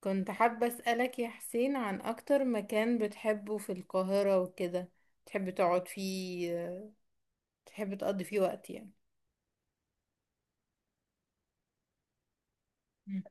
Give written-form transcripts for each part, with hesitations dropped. كنت حابة أسألك يا حسين عن أكتر مكان بتحبه في القاهرة وكده. تحب تقعد فيه، تحب تقضي فيه وقت يعني. مم.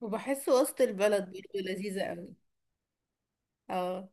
وبحسه وسط البلد برضه لذيذة أوي. اه.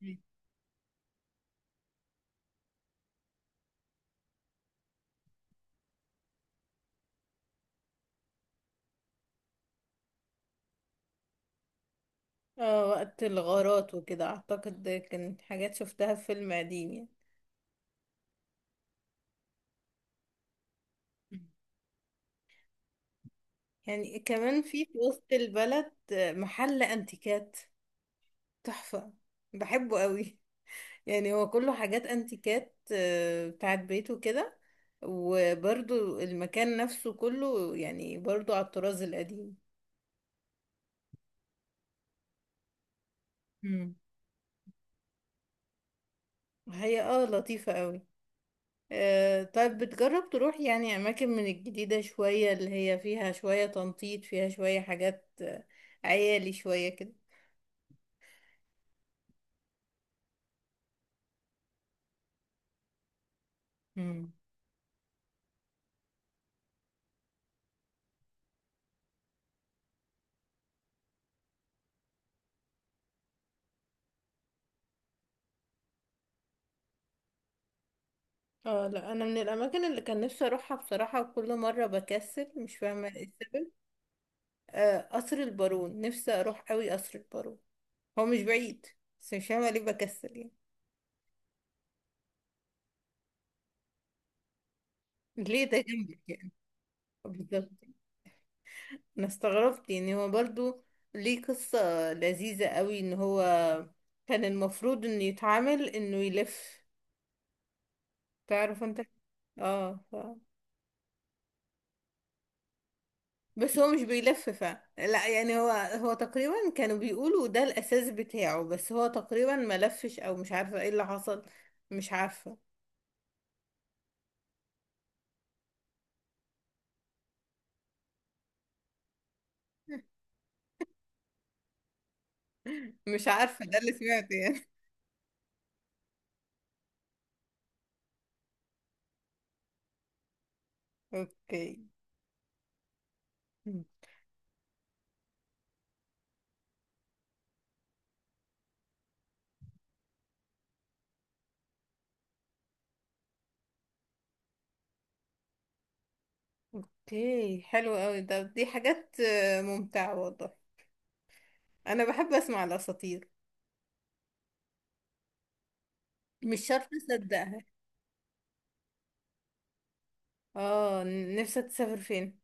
مم. اه، وقت الغارات وكده أعتقد ده كان حاجات شفتها في فيلم قديم يعني. مم. يعني كمان في وسط البلد محل أنتيكات تحفة، بحبه أوي. يعني هو كله حاجات انتيكات بتاعت بيته كده. وبرضو المكان نفسه كله يعني برضو على الطراز القديم. مم. هي لطيفة قوي. طيب، بتجرب تروح يعني أماكن من الجديدة شوية، اللي هي فيها شوية تنطيط، فيها شوية حاجات عيالي شوية كده؟ مم. اه، لا انا من الاماكن اللي كان نفسي اروحها بصراحه، وكل مره بكسل مش فاهمه ايه السبب. قصر البارون، نفسي اروح قوي قصر البارون. هو مش بعيد، بس مش فاهمة ليه بكسل يعني. ليه؟ ده جنبك يعني. بالظبط. أنا استغربت يعني. هو برضو ليه قصة لذيذة قوي، إن هو كان المفروض إنه يتعامل، إنه يلف، تعرف أنت اه ف... بس هو مش بيلف. لا يعني، هو تقريبا كانوا بيقولوا ده الأساس بتاعه، بس هو تقريبا ما لفش، أو مش عارفة ايه اللي حصل. مش عارفة. مش عارفة، ده اللي سمعته يعني. اوكي. اوكي، حلو قوي. دي حاجات ممتعة والله. انا بحب اسمع الاساطير، مش شرط اصدقها. اه، نفسك تسافر فين؟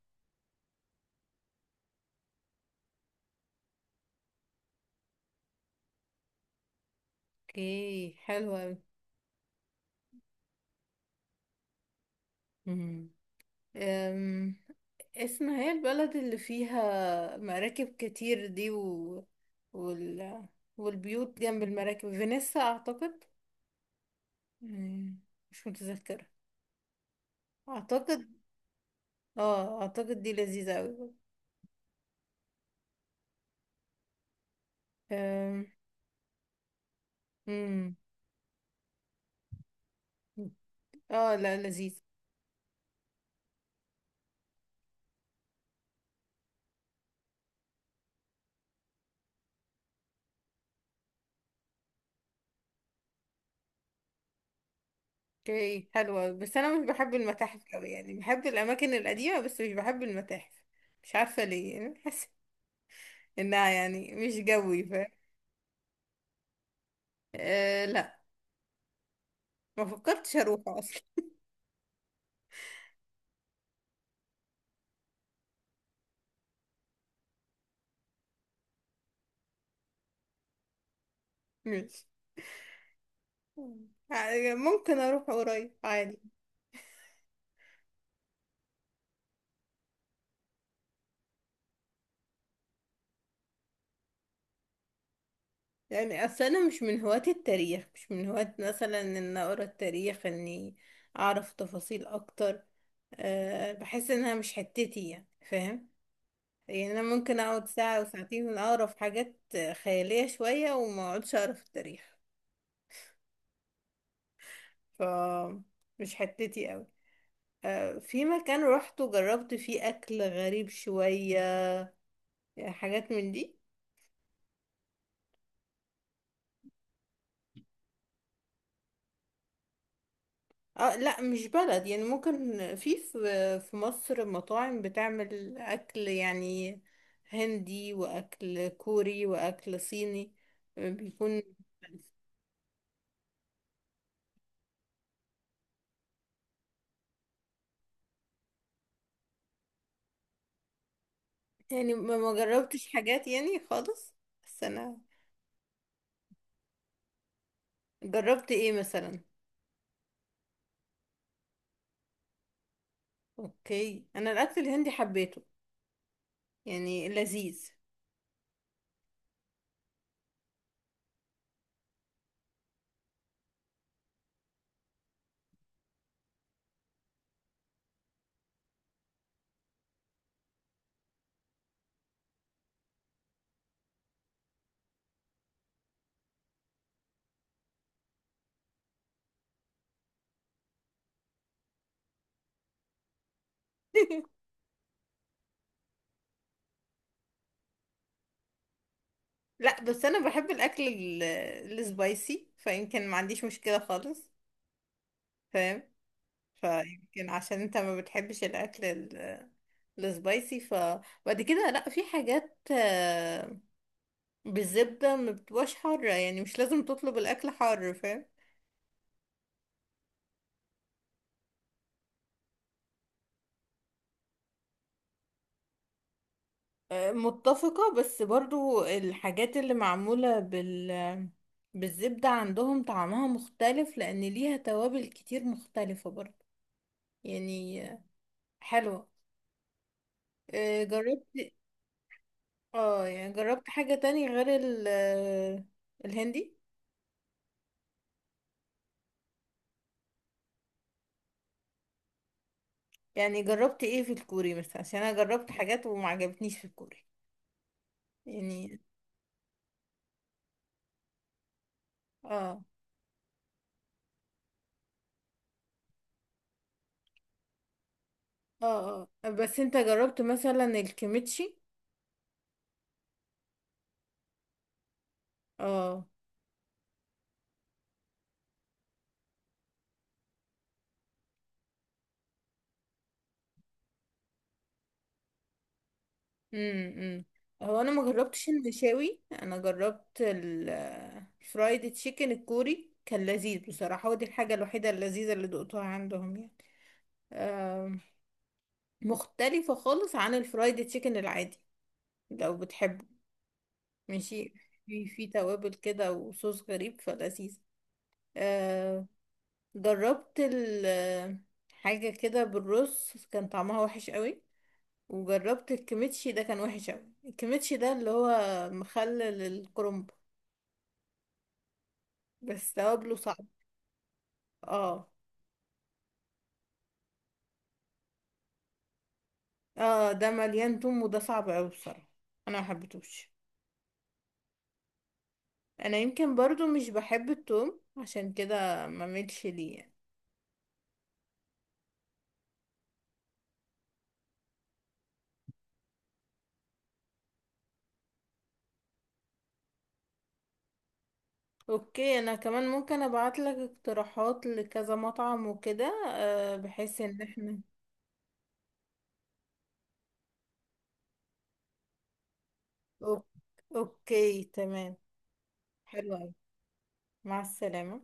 اوكي، حلو قوي. مم. أم، اسمها، هي البلد اللي فيها مراكب كتير دي وال... والبيوت جنب المراكب، فينيسا اعتقد. مم، مش متذكرة، اعتقد. اه، اعتقد دي لذيذة قوي. أم، مم. اه، لا لذيذ. اوكي حلوة، بس انا مش بحب المتاحف قوي يعني. بحب الاماكن القديمة، بس مش بحب المتاحف. مش عارفة ليه يعني. بحس انها يعني مش جوي. آه لا، ما فكرتش اروح اصلا. مش، يعني ممكن اروح قريب عادي. يعني اصل انا مش من هواة التاريخ، مش من هواة مثلا ان اقرا التاريخ، اني اعرف تفاصيل اكتر. بحس انها مش حتتي يعني، فاهم؟ يعني انا ممكن اقعد ساعة او ساعتين من اقرا في حاجات خيالية شوية، وما اقعدش اقرا في التاريخ. ف مش حتتي قوي. في مكان روحته جربت فيه اكل غريب شوية، يعني حاجات من دي. اه لا، مش بلد، يعني ممكن في مصر مطاعم بتعمل اكل يعني هندي، واكل كوري، واكل صيني بيكون. يعني ما جربتش حاجات يعني خالص، بس انا. جربت ايه مثلا؟ اوكي، انا الاكل الهندي حبيته يعني، لذيذ. لا بس انا بحب الاكل السبايسي، فيمكن ما عنديش مشكلة خالص، فاهم؟ فيمكن عشان انت ما بتحبش الاكل السبايسي، فبعد كده لا، في حاجات بالزبدة ما بتبقاش حارة يعني. مش لازم تطلب الاكل حار فاهم. متفقة، بس برضو الحاجات اللي معمولة بالزبدة عندهم طعمها مختلف، لأن ليها توابل كتير مختلفة برضو يعني، حلوة. جربت. اه، يعني جربت حاجة تانية غير ال آه، الهندي. يعني جربت ايه في الكوري مثلا، عشان انا جربت حاجات وما عجبتنيش في الكوري يعني. اه اه اه، بس انت جربت مثلا الكيميتشي؟ اه. امم امم هو انا ما جربتش المشاوي. انا جربت الفرايد تشيكن الكوري، كان لذيذ بصراحة، ودي الحاجة الوحيدة اللذيذة اللي دقتها عندهم يعني. آم، مختلفة خالص عن الفرايد تشيكن العادي لو بتحبه. ماشي. في توابل كده وصوص غريب فلذيذ. آه، جربت حاجة كده بالرز كان طعمها وحش قوي. وجربت الكيميتشي ده كان وحش قوي. الكيميتشي ده اللي هو مخلل الكرنب، بس توابله صعب. اه اه، ده مليان توم، وده صعب اوي بصراحة. انا ما حبيتهوش. انا يمكن برضو مش بحب التوم، عشان كده ما ملش ليه يعني. اوكي، انا كمان ممكن ابعت لك اقتراحات لكذا مطعم وكده، بحيث ان احنا. أوك- اوكي، تمام. حلو اوي. مع السلامة.